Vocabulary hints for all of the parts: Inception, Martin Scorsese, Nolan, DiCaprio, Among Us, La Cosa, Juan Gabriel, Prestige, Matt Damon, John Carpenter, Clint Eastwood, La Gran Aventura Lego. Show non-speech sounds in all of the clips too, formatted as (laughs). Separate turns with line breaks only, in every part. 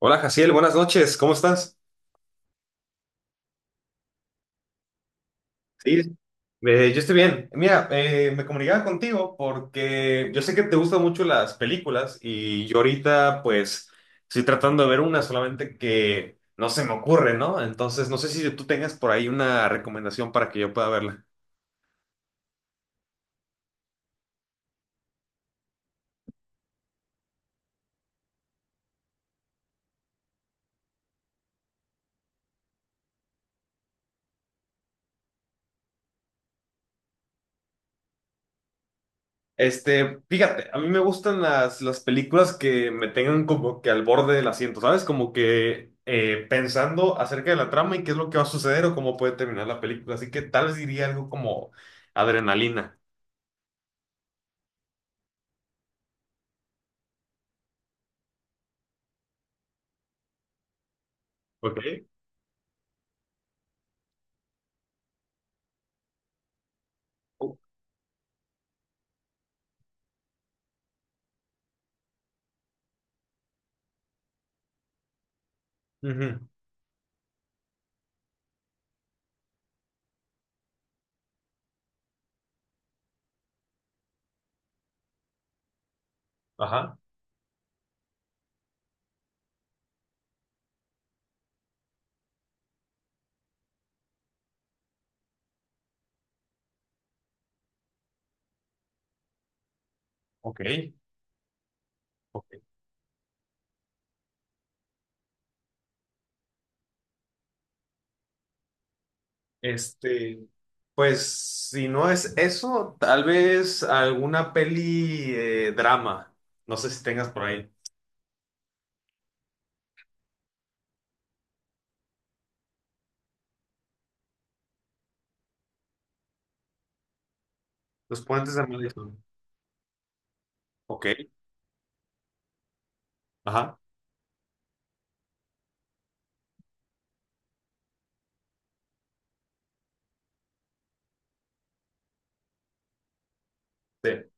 Hola, Jaciel, buenas noches, ¿cómo estás? Sí, yo estoy bien. Mira, me comunicaba contigo porque yo sé que te gustan mucho las películas y yo ahorita pues estoy tratando de ver una, solamente que no se me ocurre, ¿no? Entonces no sé si tú tengas por ahí una recomendación para que yo pueda verla. Este, fíjate, a mí me gustan las películas que me tengan como que al borde del asiento, ¿sabes? Como que pensando acerca de la trama y qué es lo que va a suceder o cómo puede terminar la película. Así que tal vez diría algo como adrenalina. Ok. U- Ujú. Ajá. Ok. Ok. Este, pues si no es eso, tal vez alguna peli drama. No sé si tengas por ahí. Los puentes de Madison. Ok. Ajá. Sí.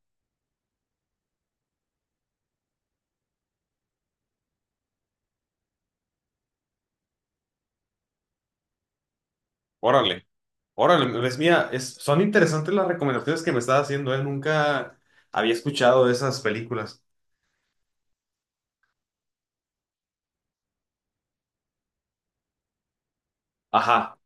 Órale. Órale, ves, mira, son interesantes las recomendaciones que me estás haciendo, ¿eh? Nunca había escuchado de esas películas. Ajá.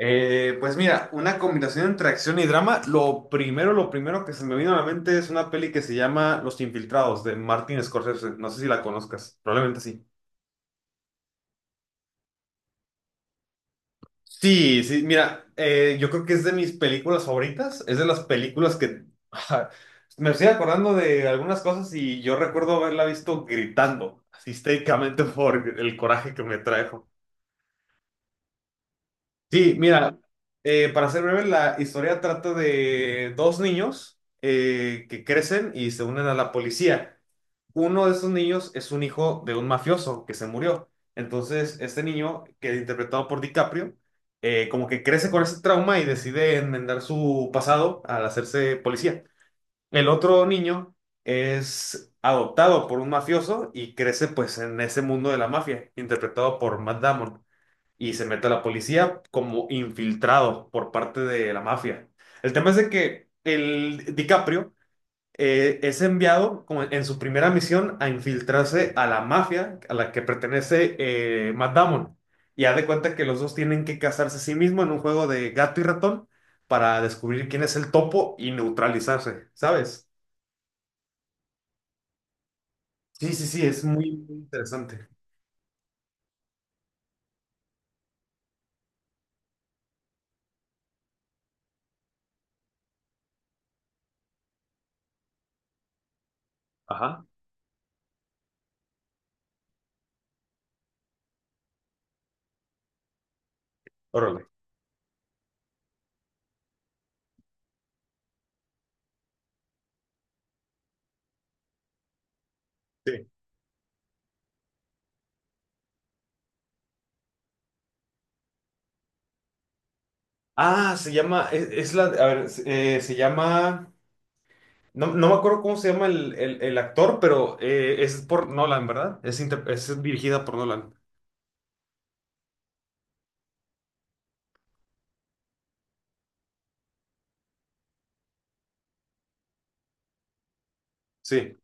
Pues mira, una combinación entre acción y drama. Lo primero que se me vino a la mente es una peli que se llama Los Infiltrados de Martin Scorsese. No sé si la conozcas, probablemente sí. Sí, sí, mira, yo creo que es de mis películas favoritas, es de las películas que (laughs) me estoy acordando de algunas cosas y yo recuerdo haberla visto gritando, así histéricamente (laughs) por el coraje que me trajo. Sí, mira, para ser breve, la historia trata de dos niños que crecen y se unen a la policía. Uno de esos niños es un hijo de un mafioso que se murió. Entonces, este niño, que es interpretado por DiCaprio, como que crece con ese trauma y decide enmendar su pasado al hacerse policía. El otro niño es adoptado por un mafioso y crece pues en ese mundo de la mafia, interpretado por Matt Damon y se mete a la policía como infiltrado por parte de la mafia. El tema es de que el DiCaprio es enviado como en su primera misión a infiltrarse a la mafia a la que pertenece Matt Damon. Y haz de cuenta que los dos tienen que casarse a sí mismos en un juego de gato y ratón para descubrir quién es el topo y neutralizarse, ¿sabes? Sí, sí, sí, es muy, muy interesante. Ajá, órale. Sí. Ah, se llama, es la, a ver, se llama No, no me acuerdo cómo se llama el actor, pero es por Nolan, ¿verdad? Es dirigida por Nolan. Sí.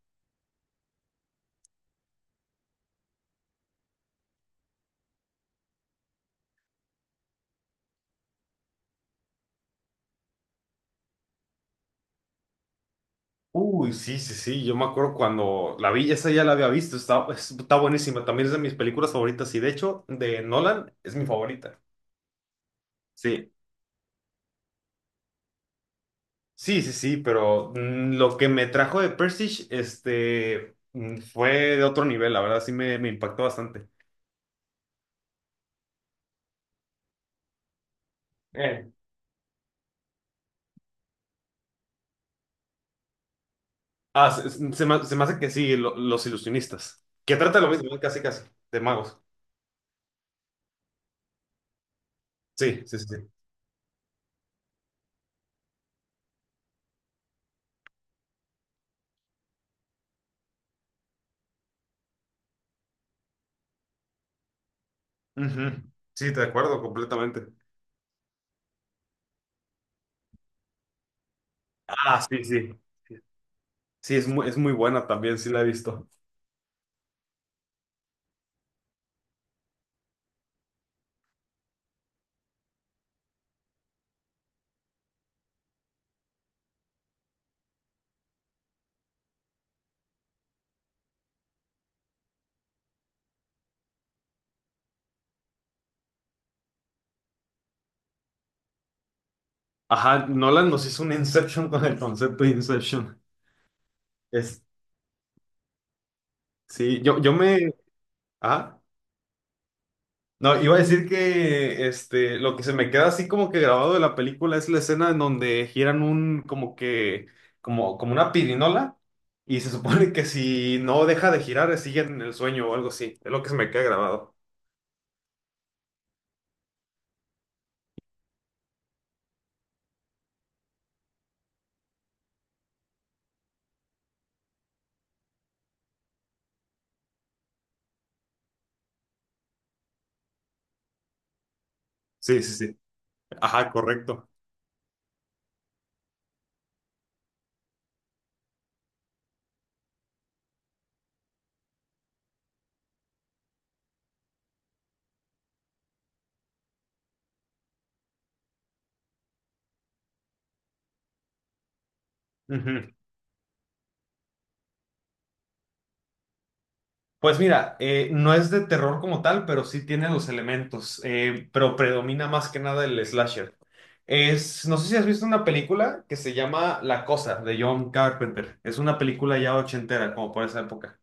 Uy, sí, sí, sí. Yo me acuerdo cuando la vi, esa ya la había visto. Está buenísima. También es de mis películas favoritas y de hecho, de Nolan es mi favorita. Sí. Sí, sí, sí, pero lo que me trajo de Prestige, este, fue de otro nivel, la verdad, me impactó bastante. Eh. Ah, se me hace que sí, los ilusionistas. Que trata lo mismo, ¿no? Casi, casi, de magos. Sí, sí, sí. Ujú. Sí, te acuerdo, completamente. Ah, sí, sí. Sí, es muy buena también, sí la he visto. Ajá, Nolan nos hizo un Inception con el concepto de Inception. Es, sí, yo me... Ah, no, iba a decir que este, lo que se me queda así como que grabado de la película es la escena en donde giran un, como que, como una pirinola y se supone que si no deja de girar, siguen en el sueño o algo así. Es lo que se me queda grabado. Sí, sí, sí. Ajá, correcto. Ujú. Pues mira, no es de terror como tal, pero sí tiene los elementos, pero predomina más que nada el slasher. Es, no sé si has visto una película que se llama La Cosa de John Carpenter. Es una película ya ochentera, como por esa época.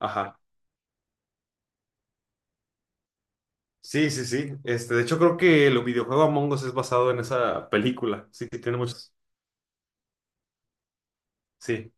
Ajá. Sí, sí, sí. Este, de hecho, creo que el videojuego Among Us es basado en esa película. Sí, que tiene muchos. Sí.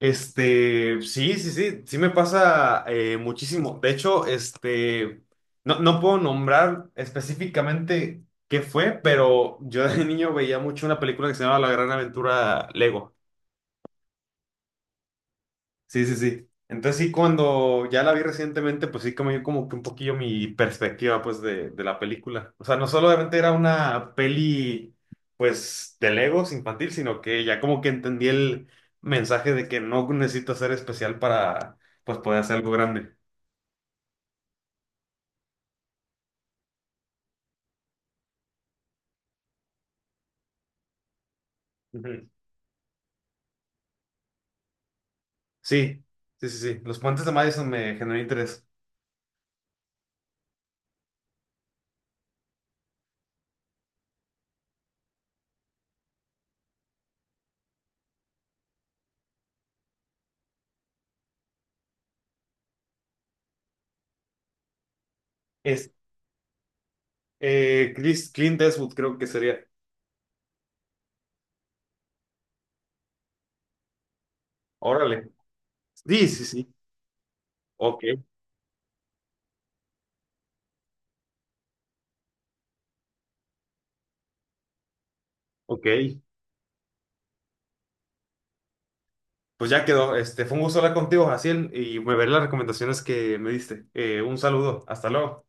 Este, sí, sí, sí, sí me pasa muchísimo. De hecho, este, no, no puedo nombrar específicamente qué fue, pero yo de (laughs) niño veía mucho una película que se llamaba La Gran Aventura Lego. Sí, sí, sí. Entonces sí, cuando ya la vi recientemente, pues sí cambió como que un poquillo mi perspectiva, pues, de la película. O sea, no solamente era una peli, pues, de Legos infantil, sino que ya como que entendí el mensaje de que no necesito ser especial para, pues, poder hacer algo grande. Ujú. Sí, sí, sí, sí. Los puentes de Madison me generó interés. Es, Clint Eastwood creo que sería. Órale. Sí, sí, sí. Ok, ok. Pues ya quedó. Este, fue un gusto hablar contigo, Jaciel, y me veré las recomendaciones que me diste. Un saludo. Hasta luego.